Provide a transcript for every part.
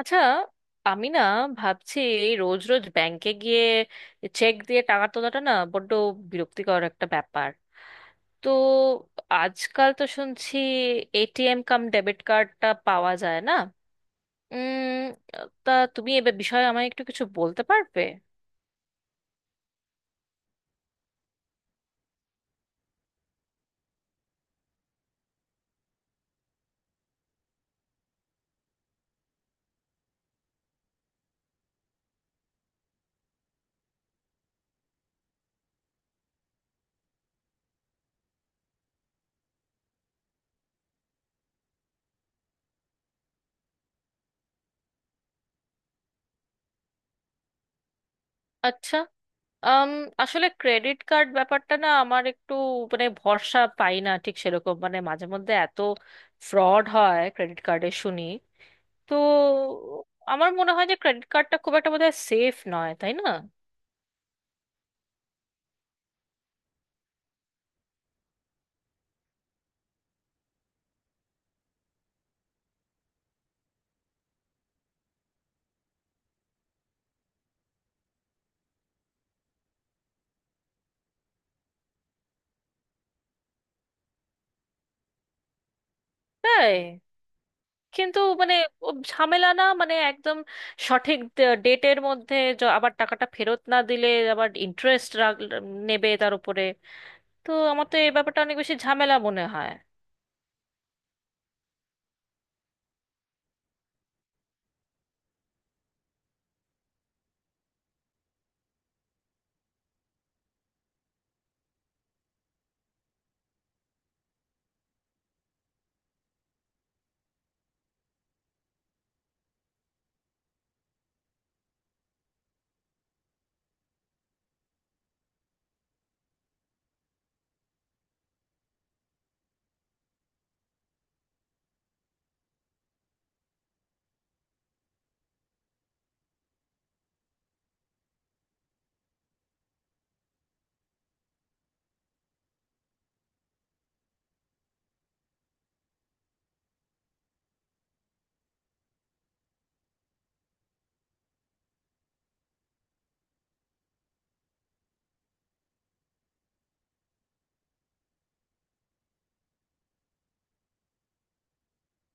আচ্ছা, আমি না ভাবছি রোজ রোজ ব্যাংকে গিয়ে চেক দিয়ে টাকা তোলাটা না বড্ড বিরক্তিকর একটা ব্যাপার। তো আজকাল তো শুনছি এটিএম কাম ডেবিট কার্ডটা পাওয়া যায় না। উম তা তুমি এ বিষয়ে আমায় একটু কিছু বলতে পারবে? আচ্ছা। আম, আসলে ক্রেডিট কার্ড ব্যাপারটা না আমার একটু মানে ভরসা পাই না ঠিক সেরকম, মানে মাঝে মধ্যে এত ফ্রড হয় ক্রেডিট কার্ডে শুনি। তো আমার মনে হয় যে ক্রেডিট কার্ডটা খুব একটা বোধহয় সেফ নয়, তাই না? তাই? কিন্তু মানে ও ঝামেলা না, মানে একদম সঠিক ডেটের মধ্যে আবার টাকাটা ফেরত না দিলে আবার ইন্টারেস্ট নেবে তার উপরে। তো আমার তো এই ব্যাপারটা অনেক বেশি ঝামেলা মনে হয়।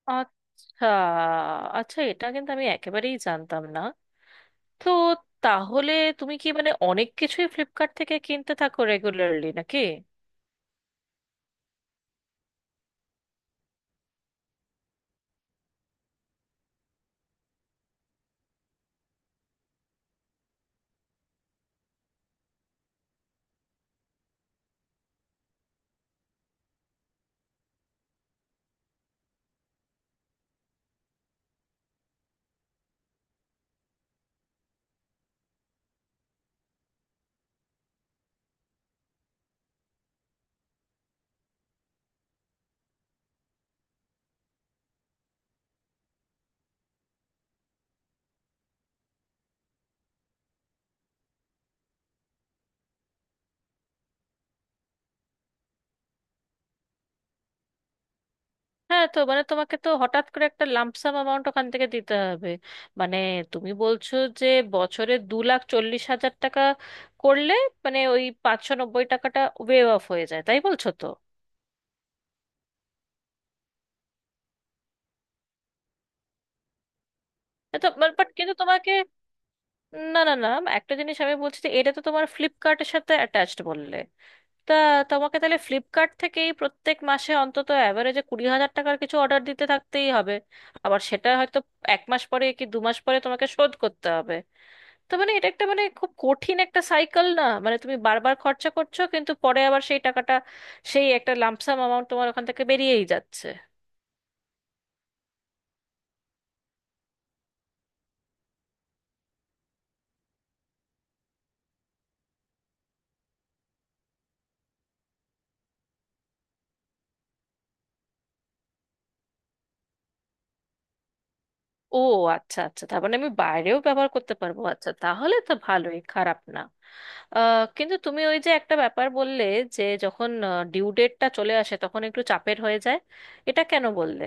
আচ্ছা, আচ্ছা, এটা কিন্তু আমি একেবারেই জানতাম না। তো তাহলে তুমি কি মানে অনেক কিছুই ফ্লিপকার্ট থেকে কিনতে থাকো রেগুলারলি নাকি? হ্যাঁ, তো মানে তোমাকে তো হঠাৎ করে একটা লাম্পসাম অ্যামাউন্ট ওখান থেকে দিতে হবে। মানে তুমি বলছো যে বছরে 2,40,000 টাকা করলে মানে ওই 590 টাকাটা ওয়েভ অফ হয়ে যায়, তাই বলছো তো? তো বাট কিন্তু তোমাকে, না না না, একটা জিনিস আমি বলছি যে এটা তো তোমার ফ্লিপকার্টের সাথে অ্যাটাচড বললে। তা তোমাকে তাহলে ফ্লিপকার্ট থেকেই প্রত্যেক মাসে অন্তত অ্যাভারেজে 20,000 টাকার কিছু অর্ডার দিতে থাকতেই হবে। আবার সেটা হয়তো এক মাস পরে কি দু মাস পরে তোমাকে শোধ করতে হবে। তো মানে এটা একটা মানে খুব কঠিন একটা সাইকেল, না মানে তুমি বারবার খরচা করছো কিন্তু পরে আবার সেই টাকাটা, সেই একটা লামসাম অ্যামাউন্ট তোমার ওখান থেকে বেরিয়েই যাচ্ছে। ও, আচ্ছা আচ্ছা, তার মানে আমি বাইরেও ব্যবহার করতে পারবো। আচ্ছা তাহলে তো ভালোই, খারাপ না। কিন্তু তুমি ওই যে একটা ব্যাপার বললে যে যখন ডিউ ডেটটা চলে আসে তখন একটু চাপের হয়ে যায়, এটা কেন বললে?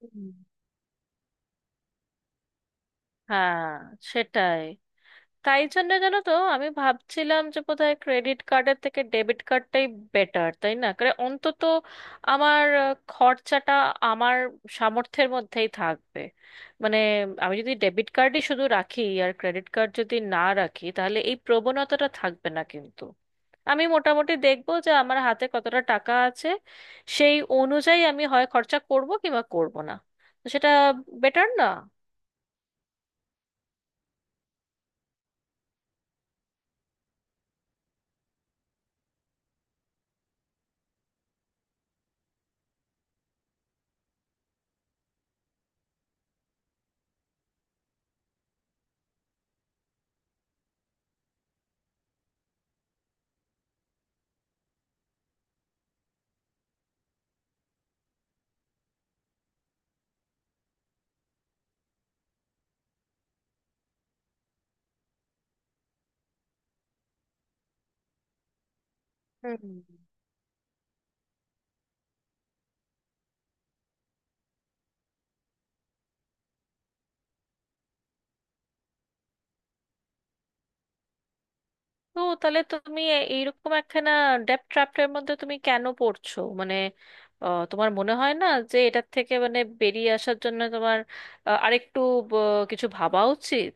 হুম। হ্যাঁ, সেটাই। তাই জন্য জানো তো আমি ভাবছিলাম যে বোধহয় ক্রেডিট কার্ডের থেকে ডেবিট কার্ডটাই বেটার, তাই না? করে অন্তত আমার খরচাটা আমার সামর্থ্যের মধ্যেই থাকবে। মানে আমি যদি ডেবিট কার্ডই শুধু রাখি আর ক্রেডিট কার্ড যদি না রাখি তাহলে এই প্রবণতাটা থাকবে না কিন্তু। আমি মোটামুটি দেখবো যে আমার হাতে কতটা টাকা আছে, সেই অনুযায়ী আমি হয় খরচা করব কিংবা করব না। তো সেটা বেটার না? হুম। ও, তাহলে তুমি এইরকম একখানা ডেপ ট্র্যাপের মধ্যে তুমি কেন পড়ছো? মানে তোমার মনে হয় না যে এটার থেকে মানে বেরিয়ে আসার জন্য তোমার আরেকটু ব- কিছু ভাবা উচিত?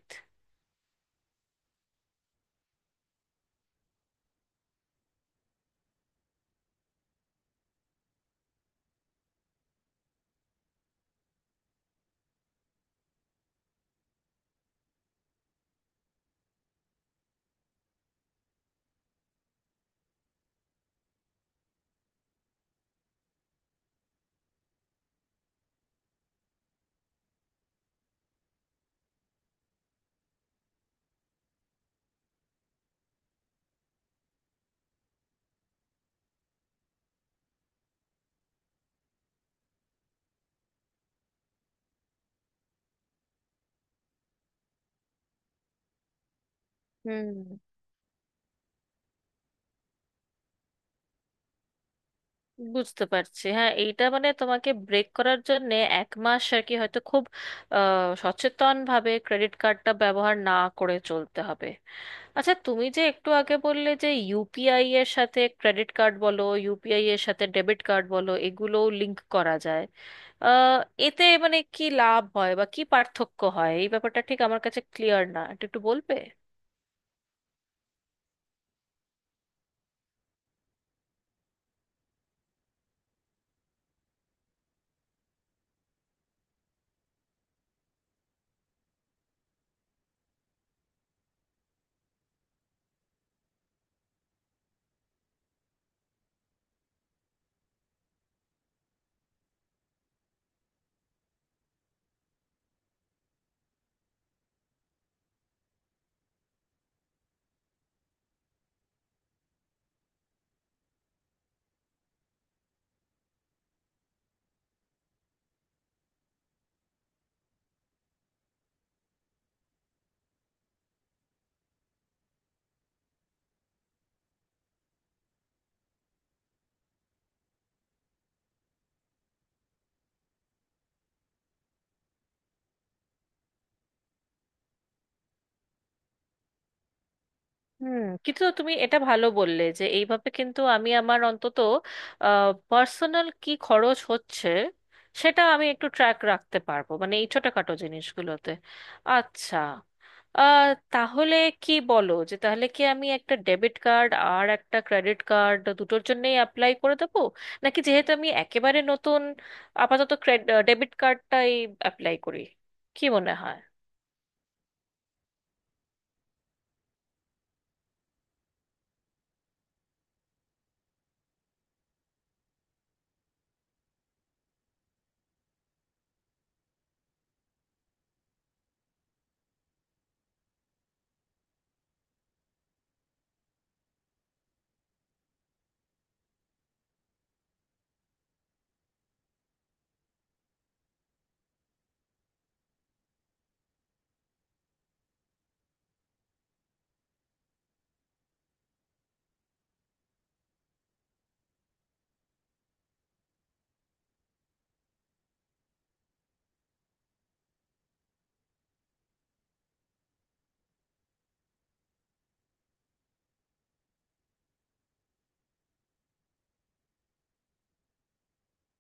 হুম, বুঝতে পারছি। হ্যাঁ, এইটা মানে তোমাকে ব্রেক করার জন্য এক মাস আর কি, হয়তো খুব সচেতন ভাবে ক্রেডিট কার্ডটা ব্যবহার না করে চলতে হবে। আচ্ছা, তুমি যে একটু আগে বললে যে ইউপিআই এর সাথে ক্রেডিট কার্ড বলো, ইউপিআই এর সাথে ডেবিট কার্ড বলো, এগুলোও লিংক করা যায়। আহ, এতে মানে কি লাভ হয় বা কি পার্থক্য হয় এই ব্যাপারটা ঠিক আমার কাছে ক্লিয়ার না, এটা একটু বলবে? হুম, কিন্তু তুমি এটা ভালো বললে যে এইভাবে কিন্তু আমি আমার অন্তত পার্সোনাল কি খরচ হচ্ছে সেটা আমি একটু ট্র্যাক রাখতে পারবো, মানে এই ছোটখাটো জিনিসগুলোতে। আচ্ছা, আহ, তাহলে কি বলো, যে তাহলে কি আমি একটা ডেবিট কার্ড আর একটা ক্রেডিট কার্ড দুটোর জন্যই অ্যাপ্লাই করে দেবো, নাকি যেহেতু আমি একেবারে নতুন আপাতত ডেবিট কার্ডটাই অ্যাপ্লাই করি? কি মনে হয়?